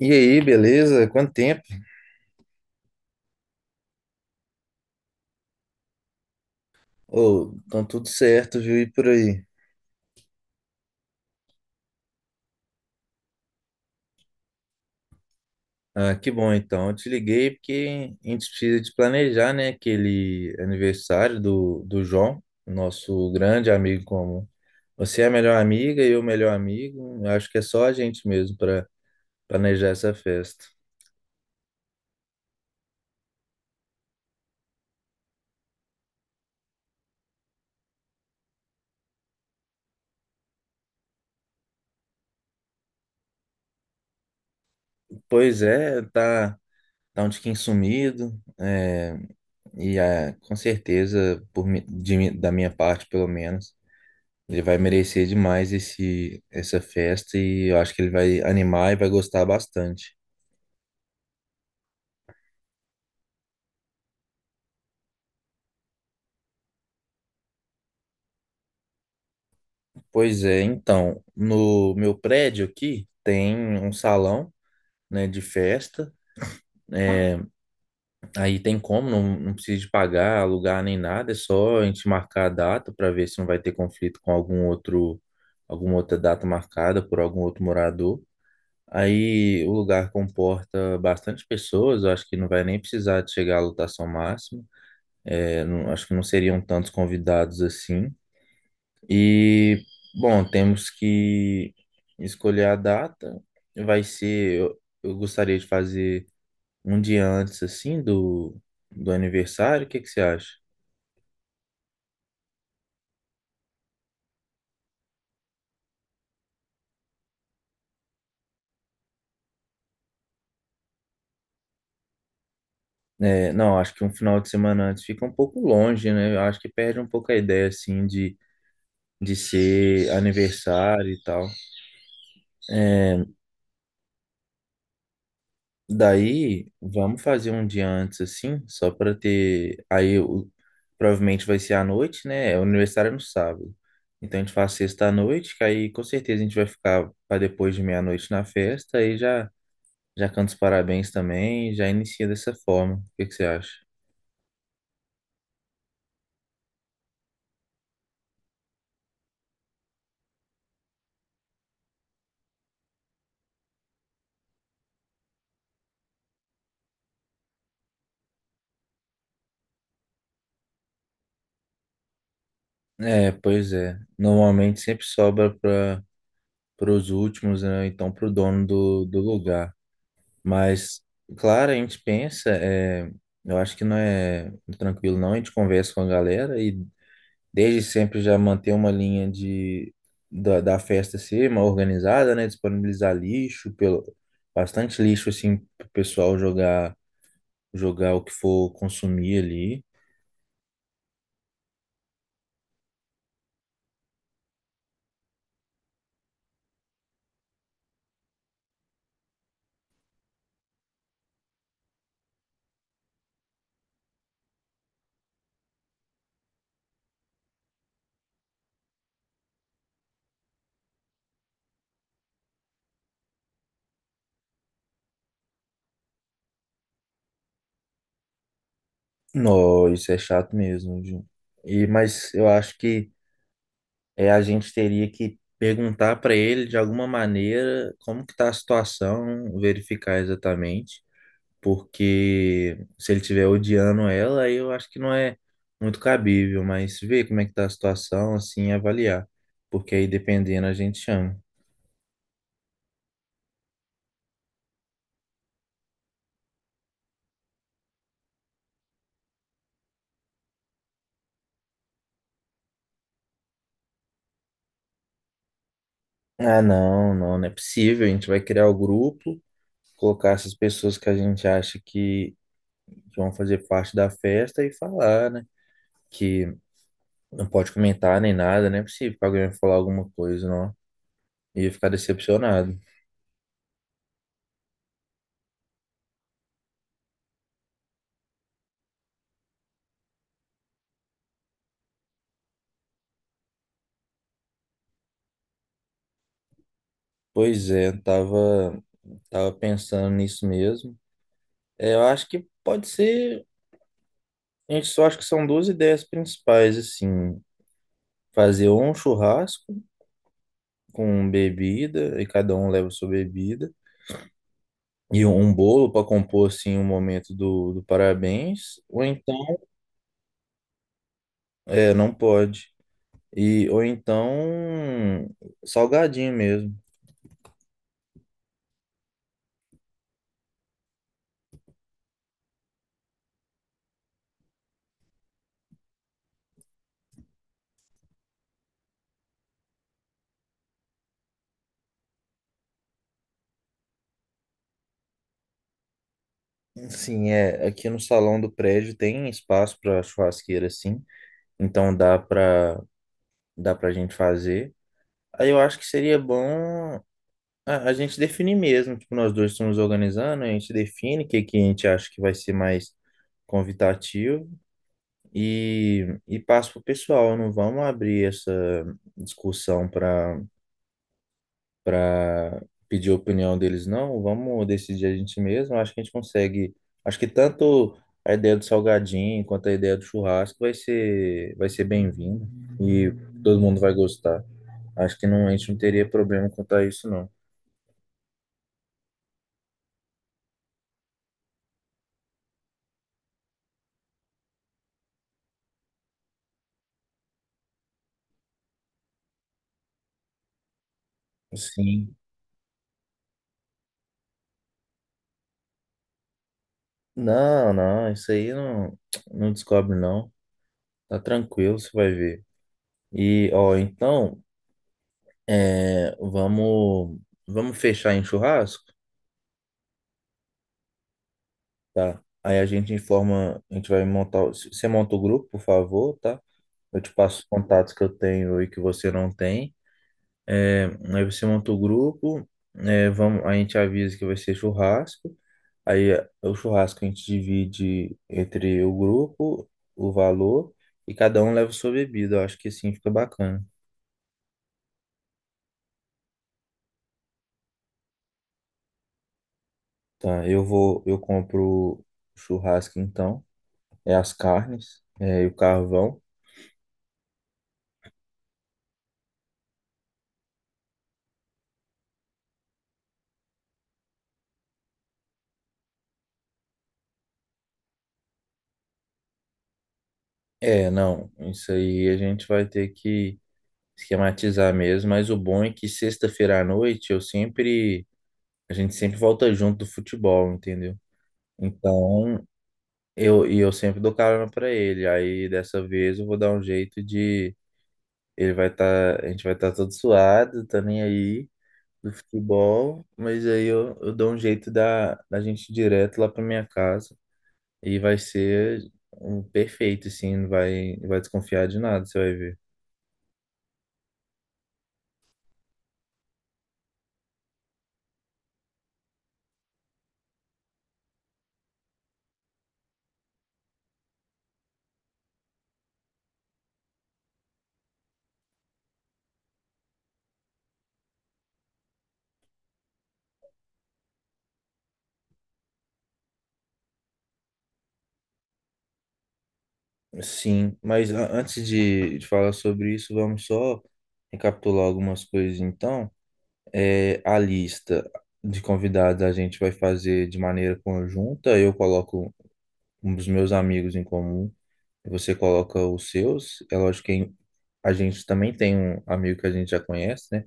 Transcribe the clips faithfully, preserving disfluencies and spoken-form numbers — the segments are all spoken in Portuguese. E aí, beleza? Quanto tempo? Ô, então tudo certo, viu? E por aí? Ah, que bom então. Eu te liguei porque a gente precisa de planejar, né, aquele aniversário do, do João, nosso grande amigo comum. Você é a melhor amiga e eu o melhor amigo. Eu acho que é só a gente mesmo para planejar essa festa. Pois é, tá, tá um tiquinho sumido, é, e ah, com certeza, por, mi- de mi- da minha parte pelo menos. Ele vai merecer demais esse, essa festa e eu acho que ele vai animar e vai gostar bastante. Pois é, então, no meu prédio aqui tem um salão, né, de festa. É, aí tem como, não, não precisa de pagar, alugar nem nada, é só a gente marcar a data para ver se não vai ter conflito com algum outro, alguma outra data marcada por algum outro morador. Aí o lugar comporta bastante pessoas, eu acho que não vai nem precisar de chegar à lotação máxima. Eu não- Acho que não seriam tantos convidados assim. E, bom, temos que escolher a data. Vai ser, eu, eu gostaria de fazer um dia antes, assim, do, do aniversário. O que que você acha? É, não, acho que um final de semana antes fica um pouco longe, né? Eu acho que perde um pouco a ideia, assim, de, de ser aniversário e tal. É. Daí, vamos fazer um dia antes, assim, só para ter. Aí, o- provavelmente vai ser à noite, né? é O aniversário é no sábado. Então, a gente faz sexta à noite, que aí com certeza a gente vai ficar para depois de meia-noite na festa. Aí já, já canta os parabéns também, já inicia dessa forma. O que que você acha? É, pois é. Normalmente sempre sobra para os últimos, né? Então, para o dono do, do lugar. Mas, claro, a gente pensa, é, eu acho que não é tranquilo, não. A gente conversa com a galera e desde sempre já manter uma linha de, da, da festa ser uma organizada, né? Disponibilizar lixo, pelo, bastante lixo, assim, pro pessoal jogar, jogar o que for consumir ali. Não, isso é chato mesmo, viu? E, mas eu acho que é, a gente teria que perguntar para ele de alguma maneira como que está a situação, verificar exatamente. Porque se ele estiver odiando ela, aí eu acho que não é muito cabível, mas ver como é que tá a situação, assim, e avaliar, porque aí dependendo a gente chama. Ah, não, não, não é possível, a gente vai criar o grupo, colocar essas pessoas que a gente acha que, que vão fazer parte da festa e falar, né? Que não pode comentar nem nada, não é possível que alguém vai falar alguma coisa, não. Ia ficar decepcionado. Pois é, eu tava, tava pensando nisso mesmo. É, eu acho que pode ser. Gente, só acho que são duas ideias principais, assim, fazer um churrasco com bebida, e cada um leva sua bebida, e um bolo para compor, assim, o momento do, do parabéns, ou então, é, não pode, e ou então, salgadinho mesmo. Sim, é, aqui no salão do prédio tem espaço para churrasqueira, assim, então dá para dá para gente fazer. Aí eu acho que seria bom. A, a gente define mesmo, tipo, nós dois estamos organizando, a gente define o que, que a gente acha que vai ser mais convidativo e, e passa pro pessoal. Não vamos abrir essa discussão para para pedir a opinião deles, não. Vamos decidir a gente mesmo. Acho que a gente consegue. Acho que tanto a ideia do salgadinho quanto a ideia do churrasco vai ser vai ser bem-vinda e todo mundo vai gostar. Acho que não, a gente não teria problema quanto a isso, não. Sim. Não, não, isso aí não, não descobre não. Tá tranquilo, você vai ver. E, ó, então, é, vamos, vamos fechar em churrasco, tá? Aí a gente informa, a gente vai montar, o- você monta o grupo, por favor, tá? Eu te passo os contatos que eu tenho e que você não tem. É, aí você monta o grupo, é, vamos, a gente avisa que vai ser churrasco. Aí é é o churrasco a gente divide entre o grupo, o valor, e cada um leva sua bebida. Eu acho que assim fica bacana. Tá, eu vou, eu compro o churrasco então, é as carnes, é, e o carvão. É, não, isso aí a gente vai ter que esquematizar mesmo, mas o bom é que sexta-feira à noite eu sempre, a gente sempre volta junto do futebol, entendeu? Então, eu, e eu sempre dou carona pra ele. Aí dessa vez eu vou dar um jeito de Ele vai estar, a gente vai estar todo suado, tá nem aí do futebol, mas aí eu, eu dou um jeito da, da gente ir direto lá pra minha casa e vai ser um perfeito, assim, não vai, não vai desconfiar de nada, você vai ver. Sim, mas a- antes de, de falar sobre isso, vamos só recapitular algumas coisas então. É, a lista de convidados a gente vai fazer de maneira conjunta, eu coloco um dos meus amigos em comum, você coloca os seus. É lógico que em- a gente também tem um amigo que a gente já conhece, né?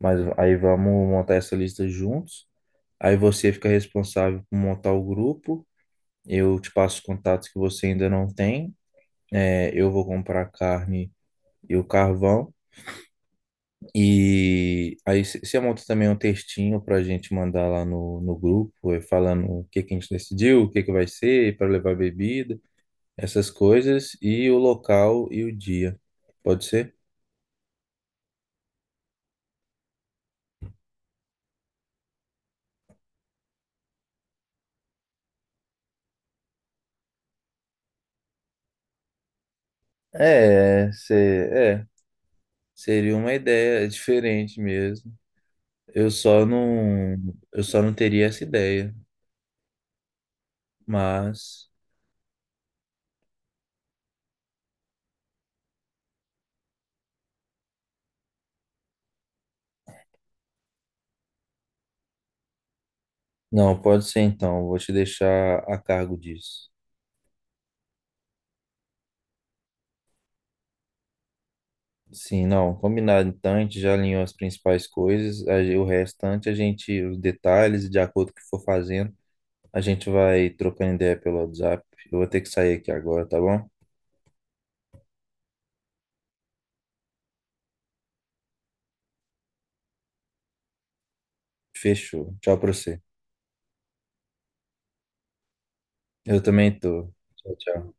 Mas aí vamos montar essa lista juntos. Aí você fica responsável por montar o grupo. Eu te passo os contatos que você ainda não tem. É, eu vou comprar a carne e o carvão. E aí c- você monta também um textinho para a gente mandar lá no, no grupo, eh, falando o que que a gente decidiu, o que que vai ser, para levar bebida. Essas coisas e o local e o dia. Pode ser? É, se- é, seria uma ideia diferente mesmo. Eu só não, eu só não teria essa ideia, mas não, pode ser então. Vou te deixar a cargo disso. Sim, não, combinado então, a gente já alinhou as principais coisas, a gen- o restante a gente, os detalhes, de acordo com o que for fazendo, a gente vai trocando ideia pelo WhatsApp. Eu vou ter que sair aqui agora, tá bom? Fechou. Tchau pra você. Eu também tô. Tchau, tchau.